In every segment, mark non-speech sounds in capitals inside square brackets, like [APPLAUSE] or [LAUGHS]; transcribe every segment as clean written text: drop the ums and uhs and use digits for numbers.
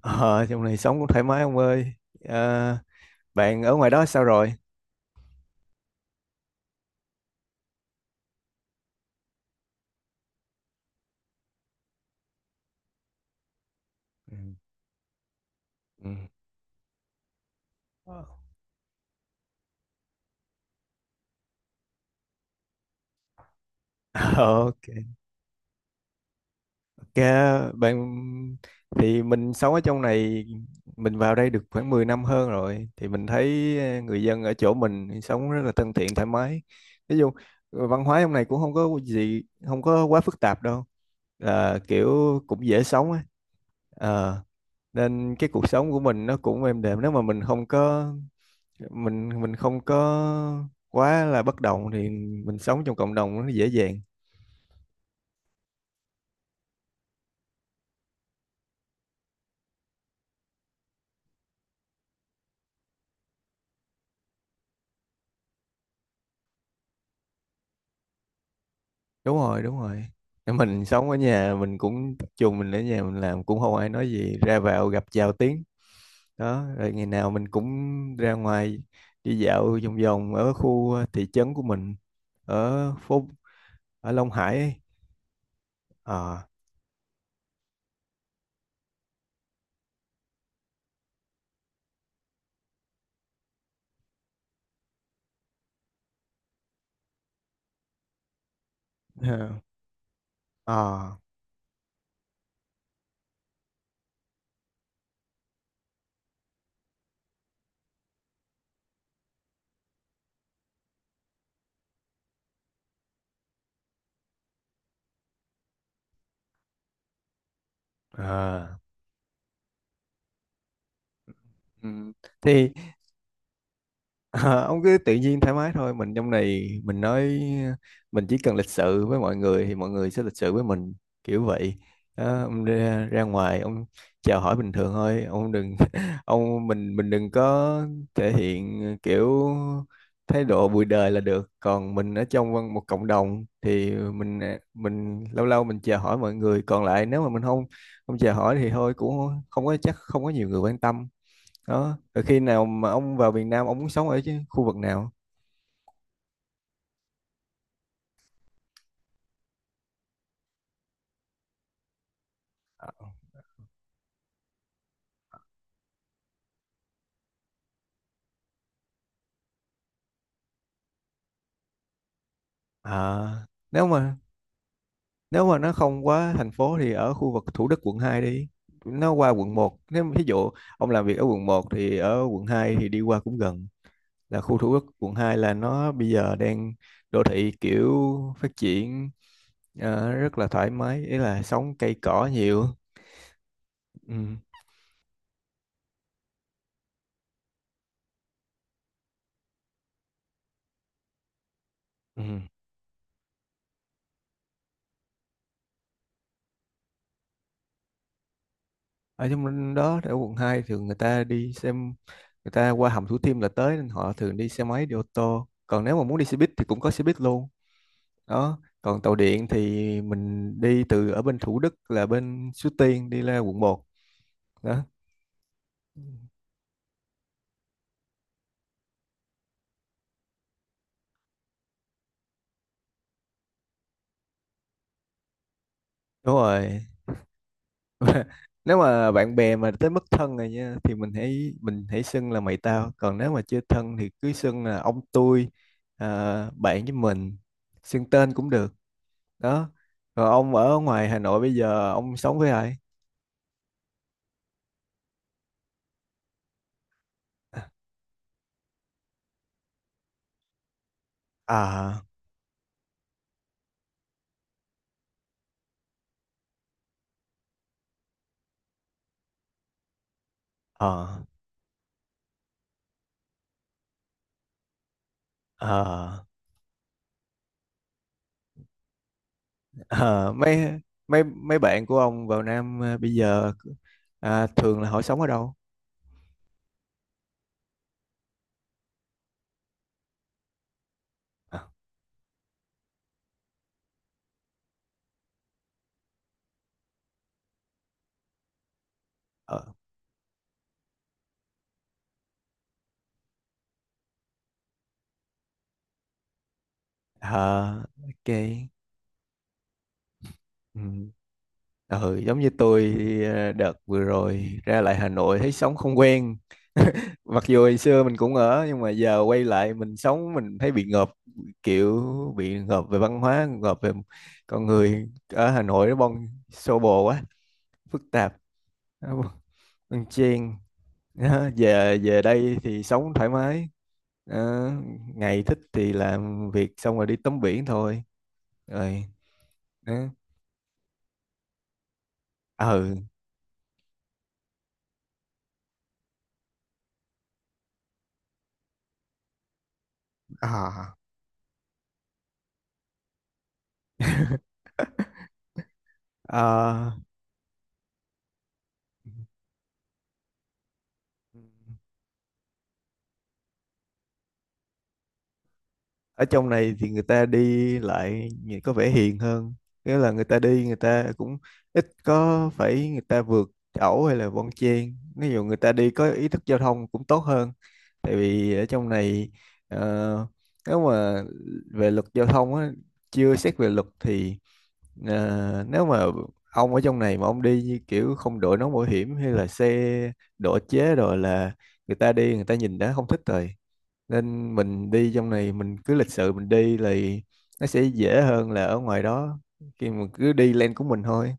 Ờ, trong này sống cũng thoải mái ông ơi. Ờ, Bạn ở ngoài đó sao rồi? Ừ. Ừ. Ờ, [LAUGHS] ok. Ok, bạn thì mình sống ở trong này, mình vào đây được khoảng 10 năm hơn rồi thì mình thấy người dân ở chỗ mình sống rất là thân thiện, thoải mái. Ví dụ văn hóa trong này cũng không có quá phức tạp đâu. Là kiểu cũng dễ sống á. Ờ, Nên cái cuộc sống của mình nó cũng êm đềm, nếu mà mình không có quá là bất động thì mình sống trong cộng đồng nó dễ dàng. Đúng rồi, đúng rồi. Nếu mình sống ở nhà, mình cũng tập trung, mình ở nhà mình làm cũng không ai nói gì, ra vào gặp chào tiếng đó. Rồi ngày nào mình cũng ra ngoài đi dạo vòng vòng ở khu thị trấn của mình, ở phố, ở Long Hải ấy. Ờ. [LAUGHS] Ờ, ờ, ờ. Ừ. thì Ờ, ông cứ tự nhiên thoải mái thôi. Mình trong này mình nói mình chỉ cần lịch sự với mọi người thì mọi người sẽ lịch sự với mình, kiểu vậy. Đó, ông ra ngoài ông chào hỏi bình thường thôi. Ông đừng [LAUGHS] ông mình đừng có thể hiện kiểu thái độ bụi đời là được. Còn mình ở trong một cộng đồng thì mình lâu lâu mình chào hỏi mọi người, còn lại nếu mà mình không không chào hỏi thì thôi, cũng không có, chắc không có nhiều người quan tâm. Đó. Rồi khi nào mà ông vào Việt Nam ông muốn sống ở chứ khu vực nào? À, nếu mà nó không quá thành phố thì ở khu vực Thủ Đức quận 2 đi, nó qua quận 1. Nếu mà ví dụ ông làm việc ở quận 1 thì ở quận 2 thì đi qua cũng gần. Là khu Thủ Đức quận 2 là nó bây giờ đang đô thị kiểu phát triển, rất là thoải mái, ý là sống cây cỏ nhiều. Ừ. Ừ. Ở trong đó, ở quận 2 thường người ta đi xem, người ta qua hầm Thủ Thiêm là tới, nên họ thường đi xe máy, đi ô tô, còn nếu mà muốn đi xe buýt thì cũng có xe buýt luôn. Đó. Còn tàu điện thì mình đi từ ở bên Thủ Đức, là bên Suối Tiên đi ra quận 1. Đó. Đúng rồi. [LAUGHS] Nếu mà bạn bè mà tới mức thân rồi nha thì mình hãy xưng là mày tao, còn nếu mà chưa thân thì cứ xưng là ông tôi. À, bạn với mình xưng tên cũng được. Đó. Rồi ông ở ngoài Hà Nội bây giờ ông sống với ai? À. ờ ờ. Ờ, mấy mấy mấy bạn của ông vào Nam à, bây giờ à, thường là họ sống ở đâu? À, ờ ờ, ok. Ừ. Ừ, giống như tôi đợt vừa rồi ra lại Hà Nội thấy sống không quen. [LAUGHS] Mặc dù hồi xưa mình cũng ở nhưng mà giờ quay lại mình sống, mình thấy bị ngợp, kiểu bị ngợp về văn hóa, ngợp về con người. Ở Hà Nội nó bon xô bồ quá, phức tạp, nó bon chen. Đó, về về đây thì sống thoải mái. Đó, ngày thích thì làm việc xong rồi đi tắm biển thôi. Rồi. Đó. Ừ. À. Ờ. Ở trong này thì người ta đi lại nhìn có vẻ hiền hơn. Nghĩa là người ta đi, người ta cũng ít có phải người ta vượt ẩu hay là bon chen. Ví dụ người ta đi có ý thức giao thông cũng tốt hơn. Tại vì ở trong này ờ, nếu mà về luật giao thông á, chưa xét về luật thì nếu mà ông ở trong này mà ông đi như kiểu không đội nón bảo hiểm hay là xe độ chế rồi là người ta đi người ta nhìn đã không thích rồi. Nên mình đi trong này mình cứ lịch sự, mình đi là nó sẽ dễ hơn là ở ngoài đó, khi mà cứ đi lên của mình thôi.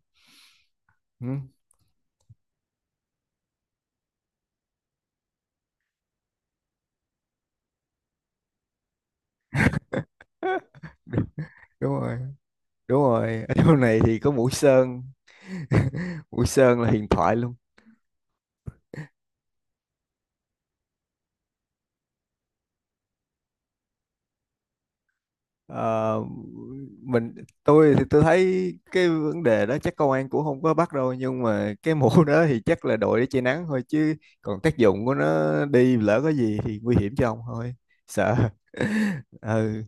Ừ. [LAUGHS] Đúng rồi, đúng rồi. Ở trong này thì có Mũi Sơn. [LAUGHS] Mũi Sơn là huyền thoại luôn. Ờ, mình Tôi thì tôi thấy cái vấn đề đó chắc công an cũng không có bắt đâu, nhưng mà cái mũ đó thì chắc là đội để che nắng thôi chứ, còn tác dụng của nó, đi lỡ có gì thì nguy hiểm cho ông thôi, sợ. [LAUGHS] Ừ.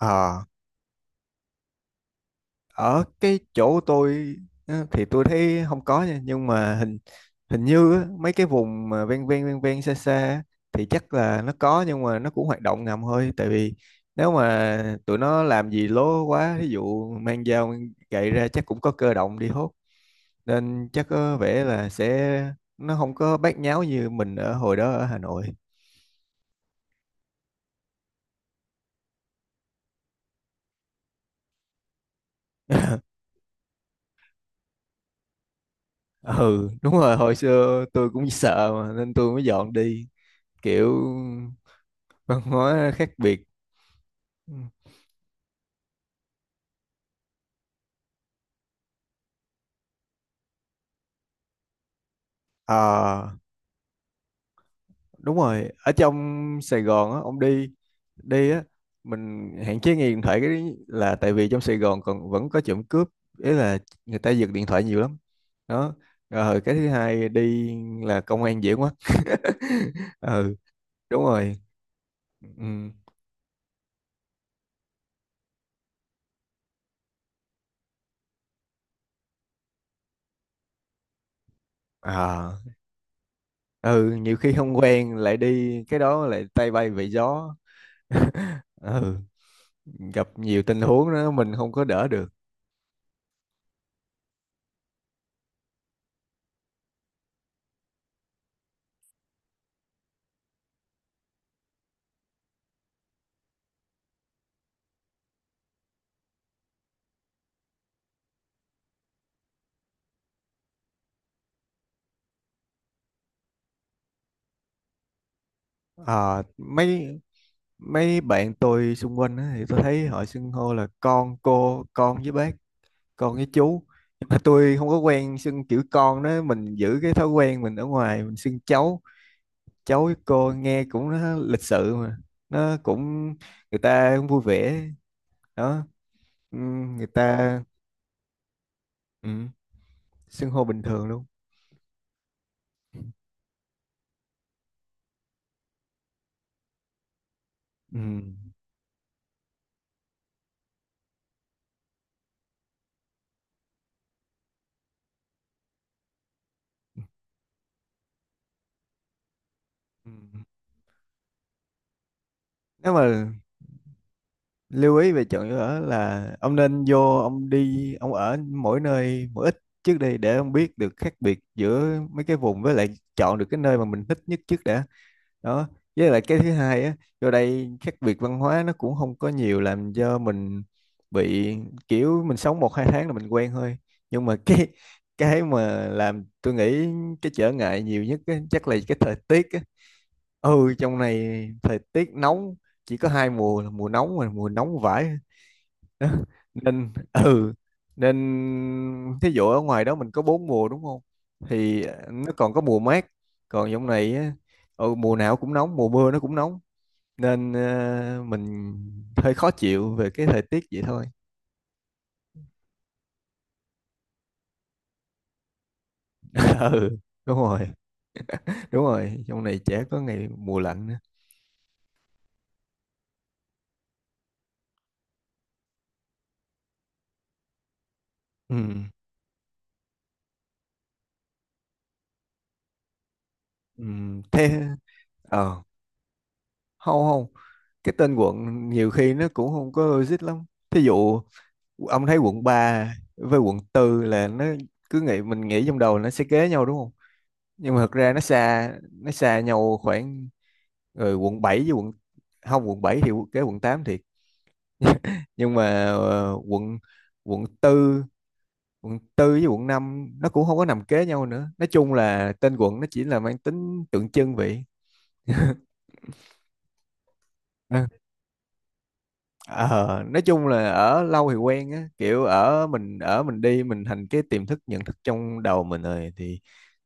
À, ở cái chỗ tôi á, thì tôi thấy không có nha, nhưng mà hình hình như á, mấy cái vùng mà ven ven ven ven xa xa á, thì chắc là nó có, nhưng mà nó cũng hoạt động ngầm thôi. Tại vì nếu mà tụi nó làm gì lố quá, ví dụ mang dao mang gậy ra, chắc cũng có cơ động đi hốt, nên chắc có vẻ là sẽ nó không có bát nháo như mình ở hồi đó ở Hà Nội. [LAUGHS] Ừ, đúng rồi. Hồi xưa tôi cũng sợ mà, nên tôi mới dọn đi, kiểu văn hóa khác biệt. Ờ, đúng rồi. Ở trong Sài Gòn á, ông đi đi á, mình hạn chế nghe điện thoại, cái là tại vì trong Sài Gòn còn vẫn có trộm cướp, ý là người ta giật điện thoại nhiều lắm. Đó. Rồi cái thứ hai đi là công an dễ quá. [LAUGHS] Ừ, đúng rồi. Ừ. À. Ừ, nhiều khi không quen lại đi cái đó lại tay bay về gió. [LAUGHS] Ừ. Gặp nhiều tình huống đó mình không có đỡ được. À, mấy mấy bạn tôi xung quanh á, thì tôi thấy họ xưng hô là con cô, con với bác, con với chú. Nhưng mà tôi không có quen xưng kiểu con đó, mình giữ cái thói quen mình ở ngoài mình xưng cháu, cháu với cô nghe cũng nó lịch sự mà, nó cũng, người ta cũng vui vẻ. Đó. Người ta ừm, xưng hô bình thường luôn. Ừm. Ừm. Nếu mà lưu ý về chọn chỗ ở là ông nên vô, ông đi ông ở mỗi nơi mỗi ít trước đi để ông biết được khác biệt giữa mấy cái vùng, với lại chọn được cái nơi mà mình thích nhất trước đã. Đó. Với lại cái thứ hai á, vô đây khác biệt văn hóa nó cũng không có nhiều, làm cho mình bị kiểu mình sống một hai tháng là mình quen thôi. Nhưng mà [LAUGHS] cái mà làm tôi nghĩ cái trở ngại nhiều nhất á, chắc là cái thời tiết á. Ừ, trong này thời tiết nóng, chỉ có hai mùa là mùa nóng và mùa nóng vãi. [LAUGHS] Đó. Nên ừ nên thí dụ ở ngoài đó mình có bốn mùa, đúng không? Thì nó còn có mùa mát. Còn trong này á, ừ, mùa nào cũng nóng, mùa mưa nó cũng nóng. Nên mình hơi khó chịu về cái thời tiết vậy thôi. [LAUGHS] Ừ, đúng rồi, đúng rồi. Trong này chả có ngày mùa lạnh nữa. Ừ, ừ. Thế, ờ không không, cái tên quận nhiều khi nó cũng không có logic lắm. Thí dụ ông thấy quận 3 với quận 4 là nó, cứ nghĩ mình nghĩ trong đầu nó sẽ kế nhau đúng không, nhưng mà thật ra nó xa nhau khoảng. Rồi quận 7 với quận không, quận 7 thì kế quận 8 thiệt. Nhưng mà quận quận tư quận tư với quận 5 nó cũng không có nằm kế nhau nữa. Nói chung là tên quận nó chỉ là mang tính tượng trưng vậy. Ừ. Ờ, nói chung là ở lâu thì quen á, kiểu ở mình đi mình thành cái tiềm thức nhận thức trong đầu mình rồi thì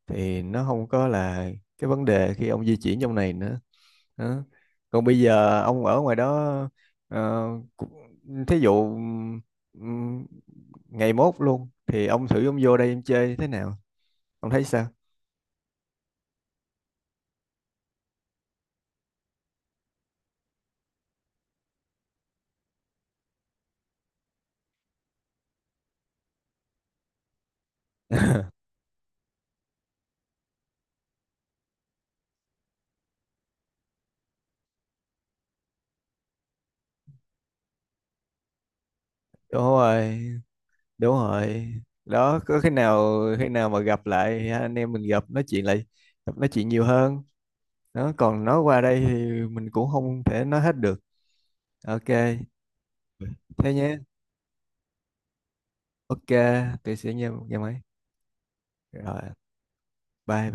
thì nó không có là cái vấn đề khi ông di chuyển trong này nữa. Đó. Còn bây giờ ông ở ngoài đó, ờ, cũng- thí dụ ừm, ngày mốt luôn thì ông thử ông vô đây em chơi thế nào, ông thấy sao? Đúng rồi, đúng rồi. Đó, có khi nào mà gặp lại ha, anh em mình gặp nói chuyện lại, gặp nói chuyện nhiều hơn. Đó. Còn nói qua đây thì mình cũng không thể nói hết được. Ok, thế nhé. Ok, tôi sẽ nghe nghe máy. Rồi. Bye bye.